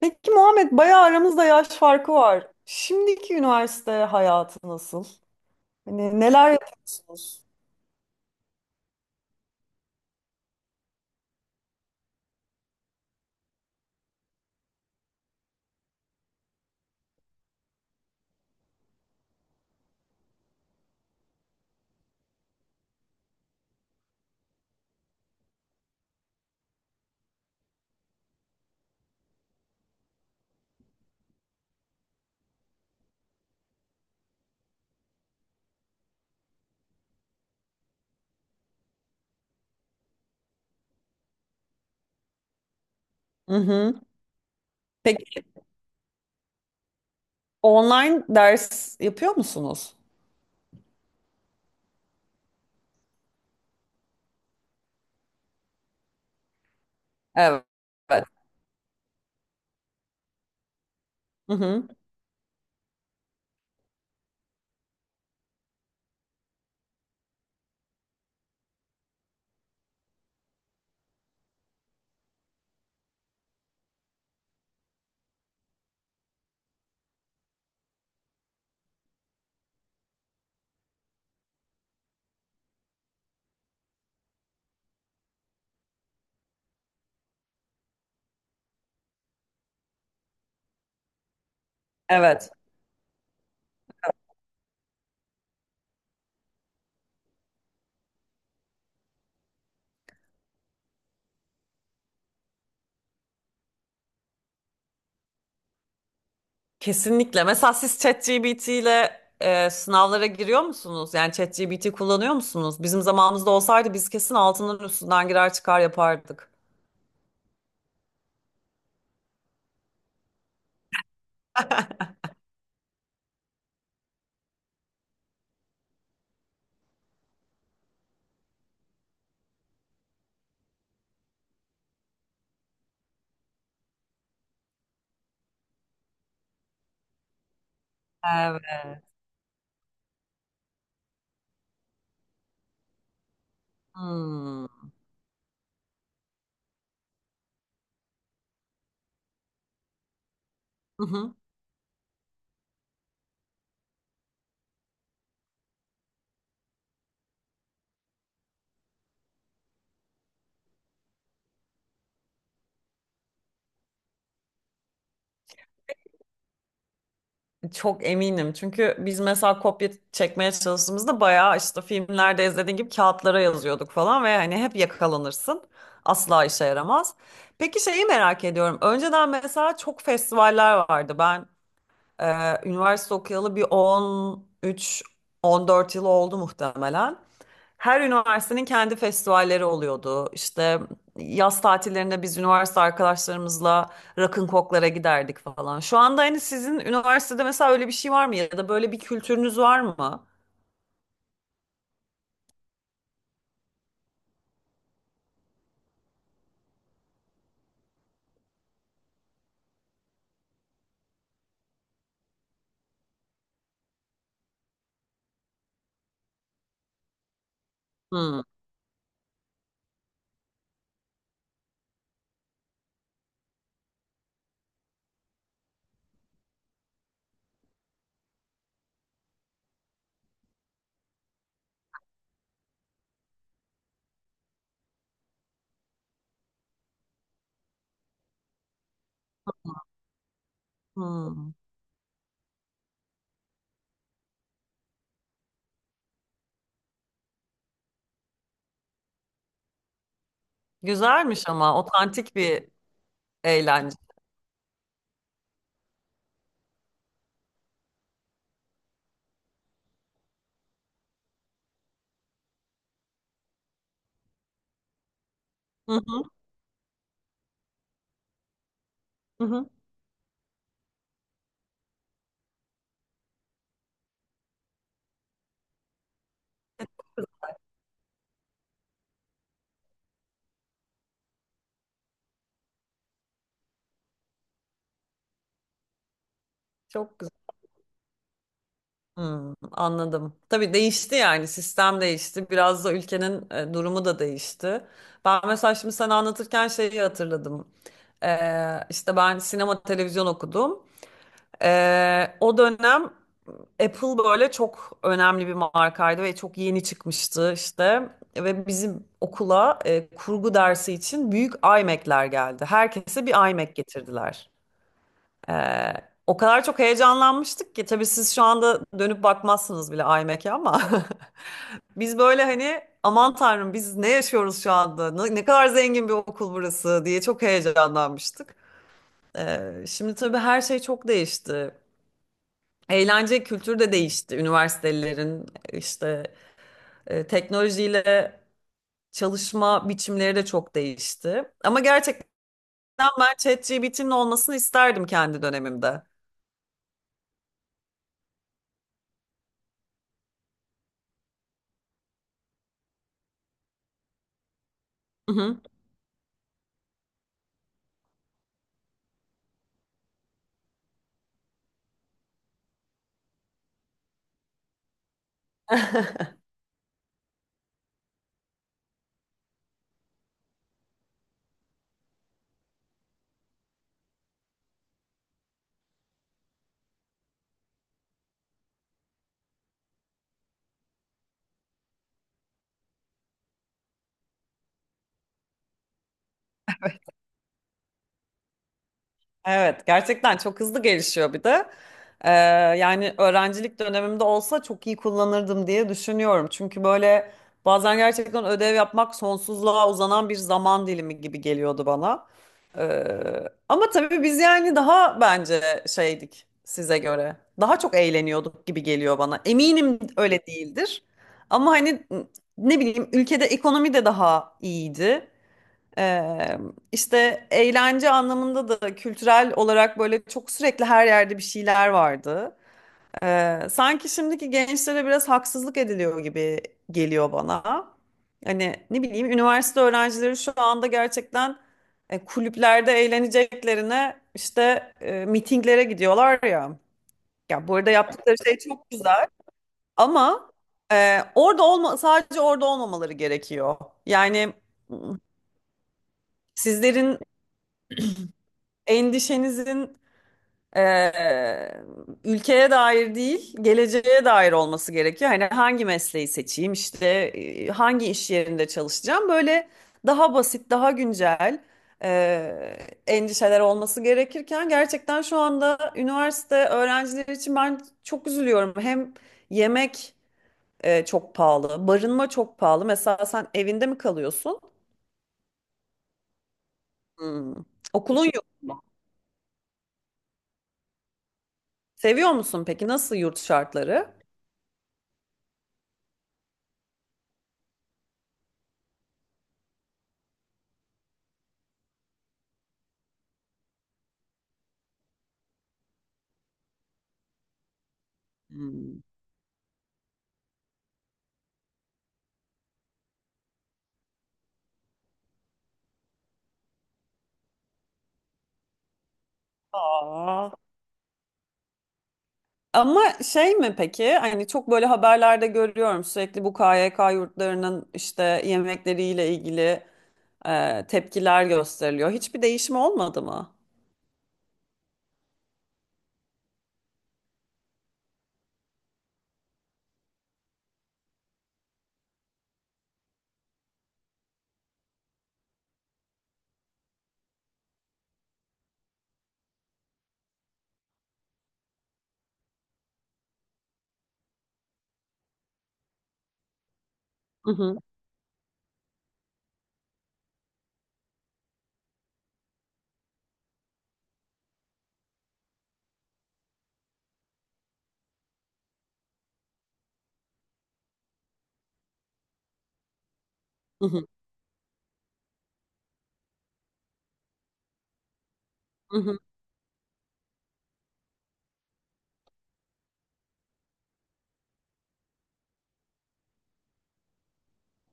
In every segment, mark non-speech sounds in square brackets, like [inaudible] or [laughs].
Peki Muhammed, bayağı aramızda yaş farkı var. Şimdiki üniversite hayatı nasıl? Hani neler yapıyorsunuz? Hı hı. Peki online ders yapıyor musunuz? Hı hı. Evet. Kesinlikle. Mesela siz ChatGPT ile sınavlara giriyor musunuz? Yani ChatGPT kullanıyor musunuz? Bizim zamanımızda olsaydı biz kesin altından üstünden girer çıkar yapardık. Evet. Hmm. [laughs] Çok eminim, çünkü biz mesela kopya çekmeye çalıştığımızda bayağı işte filmlerde izlediğin gibi kağıtlara yazıyorduk falan ve hani hep yakalanırsın. Asla işe yaramaz. Peki şeyi merak ediyorum. Önceden mesela çok festivaller vardı. Ben üniversite okuyalı bir 13-14 yıl oldu muhtemelen. Her üniversitenin kendi festivalleri oluyordu. İşte yaz tatillerinde biz üniversite arkadaşlarımızla Rock'n'Coke'lara giderdik falan. Şu anda hani sizin üniversitede mesela öyle bir şey var mı, ya da böyle bir kültürünüz var mı? Hmm. Hmm. Güzelmiş, ama otantik bir eğlence. Hı hı, hı hı. Çok güzel. Hmm, anladım. Tabii değişti, yani sistem değişti. Biraz da ülkenin durumu da değişti. Ben mesela şimdi sana anlatırken şeyi hatırladım. İşte ben sinema televizyon okudum. O dönem Apple böyle çok önemli bir markaydı ve çok yeni çıkmıştı işte. Ve bizim okula kurgu dersi için büyük iMac'ler geldi. Herkese bir iMac getirdiler. Ee, O kadar çok heyecanlanmıştık ki tabii siz şu anda dönüp bakmazsınız bile iMac'e, ama [laughs] biz böyle hani aman tanrım biz ne yaşıyoruz şu anda, ne kadar zengin bir okul burası diye çok heyecanlanmıştık. Şimdi tabii her şey çok değişti. Eğlence kültürü de değişti. Üniversitelerin işte teknolojiyle çalışma biçimleri de çok değişti. Ama gerçekten ben ChatGPT'nin olmasını isterdim kendi dönemimde. Hı hı. [laughs] Evet, gerçekten çok hızlı gelişiyor bir de. Ee, Yani öğrencilik dönemimde olsa çok iyi kullanırdım diye düşünüyorum. Çünkü böyle bazen gerçekten ödev yapmak sonsuzluğa uzanan bir zaman dilimi gibi geliyordu bana. Ee, Ama tabii biz yani daha bence şeydik size göre. Daha çok eğleniyorduk gibi geliyor bana. Eminim öyle değildir. Ama hani ne bileyim, ülkede ekonomi de daha iyiydi. Ee, işte eğlence anlamında da kültürel olarak böyle çok sürekli her yerde bir şeyler vardı. Sanki şimdiki gençlere biraz haksızlık ediliyor gibi geliyor bana. Hani ne bileyim, üniversite öğrencileri şu anda gerçekten kulüplerde eğleneceklerine işte mitinglere gidiyorlar ya. Ya burada yaptıkları şey çok güzel, ama orada olma, sadece orada olmamaları gerekiyor. Yani m, sizlerin endişenizin, eee, ülkeye dair değil, geleceğe dair olması gerekiyor. Hani hangi mesleği seçeyim, işte hangi iş yerinde çalışacağım, böyle daha basit, daha güncel eee, endişeler olması gerekirken gerçekten şu anda üniversite öğrencileri için ben çok üzülüyorum. Hem yemek çok pahalı, barınma çok pahalı. Mesela sen evinde mi kalıyorsun? Hmm. Okulun yok. Seviyor musun peki? Nasıl yurt şartları? Hmm. Aa. Ama şey mi peki? Hani çok böyle haberlerde görüyorum sürekli bu KYK yurtlarının işte yemekleriyle ilgili tepkiler gösteriliyor. Hiçbir değişim olmadı mı? Hı hı, hı hı, hı hı.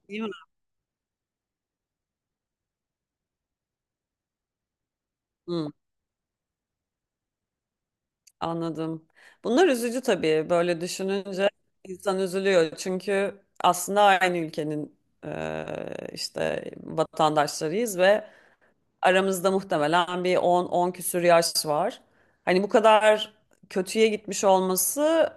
Değil mi? Hı, anladım. Bunlar üzücü tabii. Böyle düşününce insan üzülüyor. Çünkü aslında aynı ülkenin işte vatandaşlarıyız ve aramızda muhtemelen bir 10 on küsür yaş var. Hani bu kadar kötüye gitmiş olması,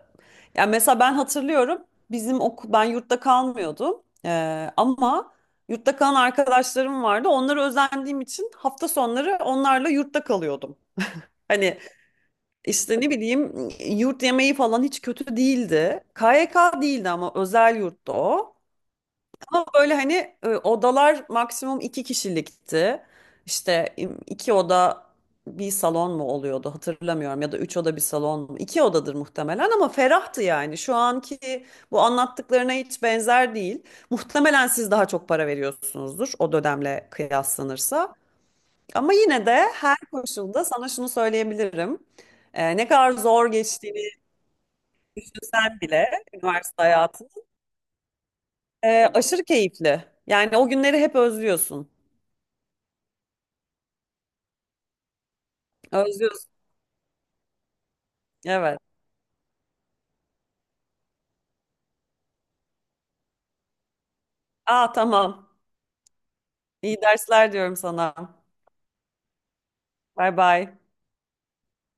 yani mesela ben hatırlıyorum, bizim okul, ben yurtta kalmıyordum. Ama yurtta kalan arkadaşlarım vardı. Onlara özendiğim için hafta sonları onlarla yurtta kalıyordum. Hani işte ne bileyim, yurt yemeği falan hiç kötü değildi. KYK değildi ama, özel yurtta o. Ama böyle hani odalar maksimum iki kişilikti. İşte iki oda bir salon mu oluyordu hatırlamıyorum, ya da üç oda bir salon mu? İki odadır muhtemelen, ama ferahtı yani. Şu anki bu anlattıklarına hiç benzer değil. Muhtemelen siz daha çok para veriyorsunuzdur o dönemle kıyaslanırsa. Ama yine de her koşulda sana şunu söyleyebilirim. Ne kadar zor geçtiğini düşünsen bile üniversite hayatı aşırı keyifli. Yani o günleri hep özlüyorsun. Özlüyorsun. Evet. Aa, tamam. İyi dersler diyorum sana. Bay bay.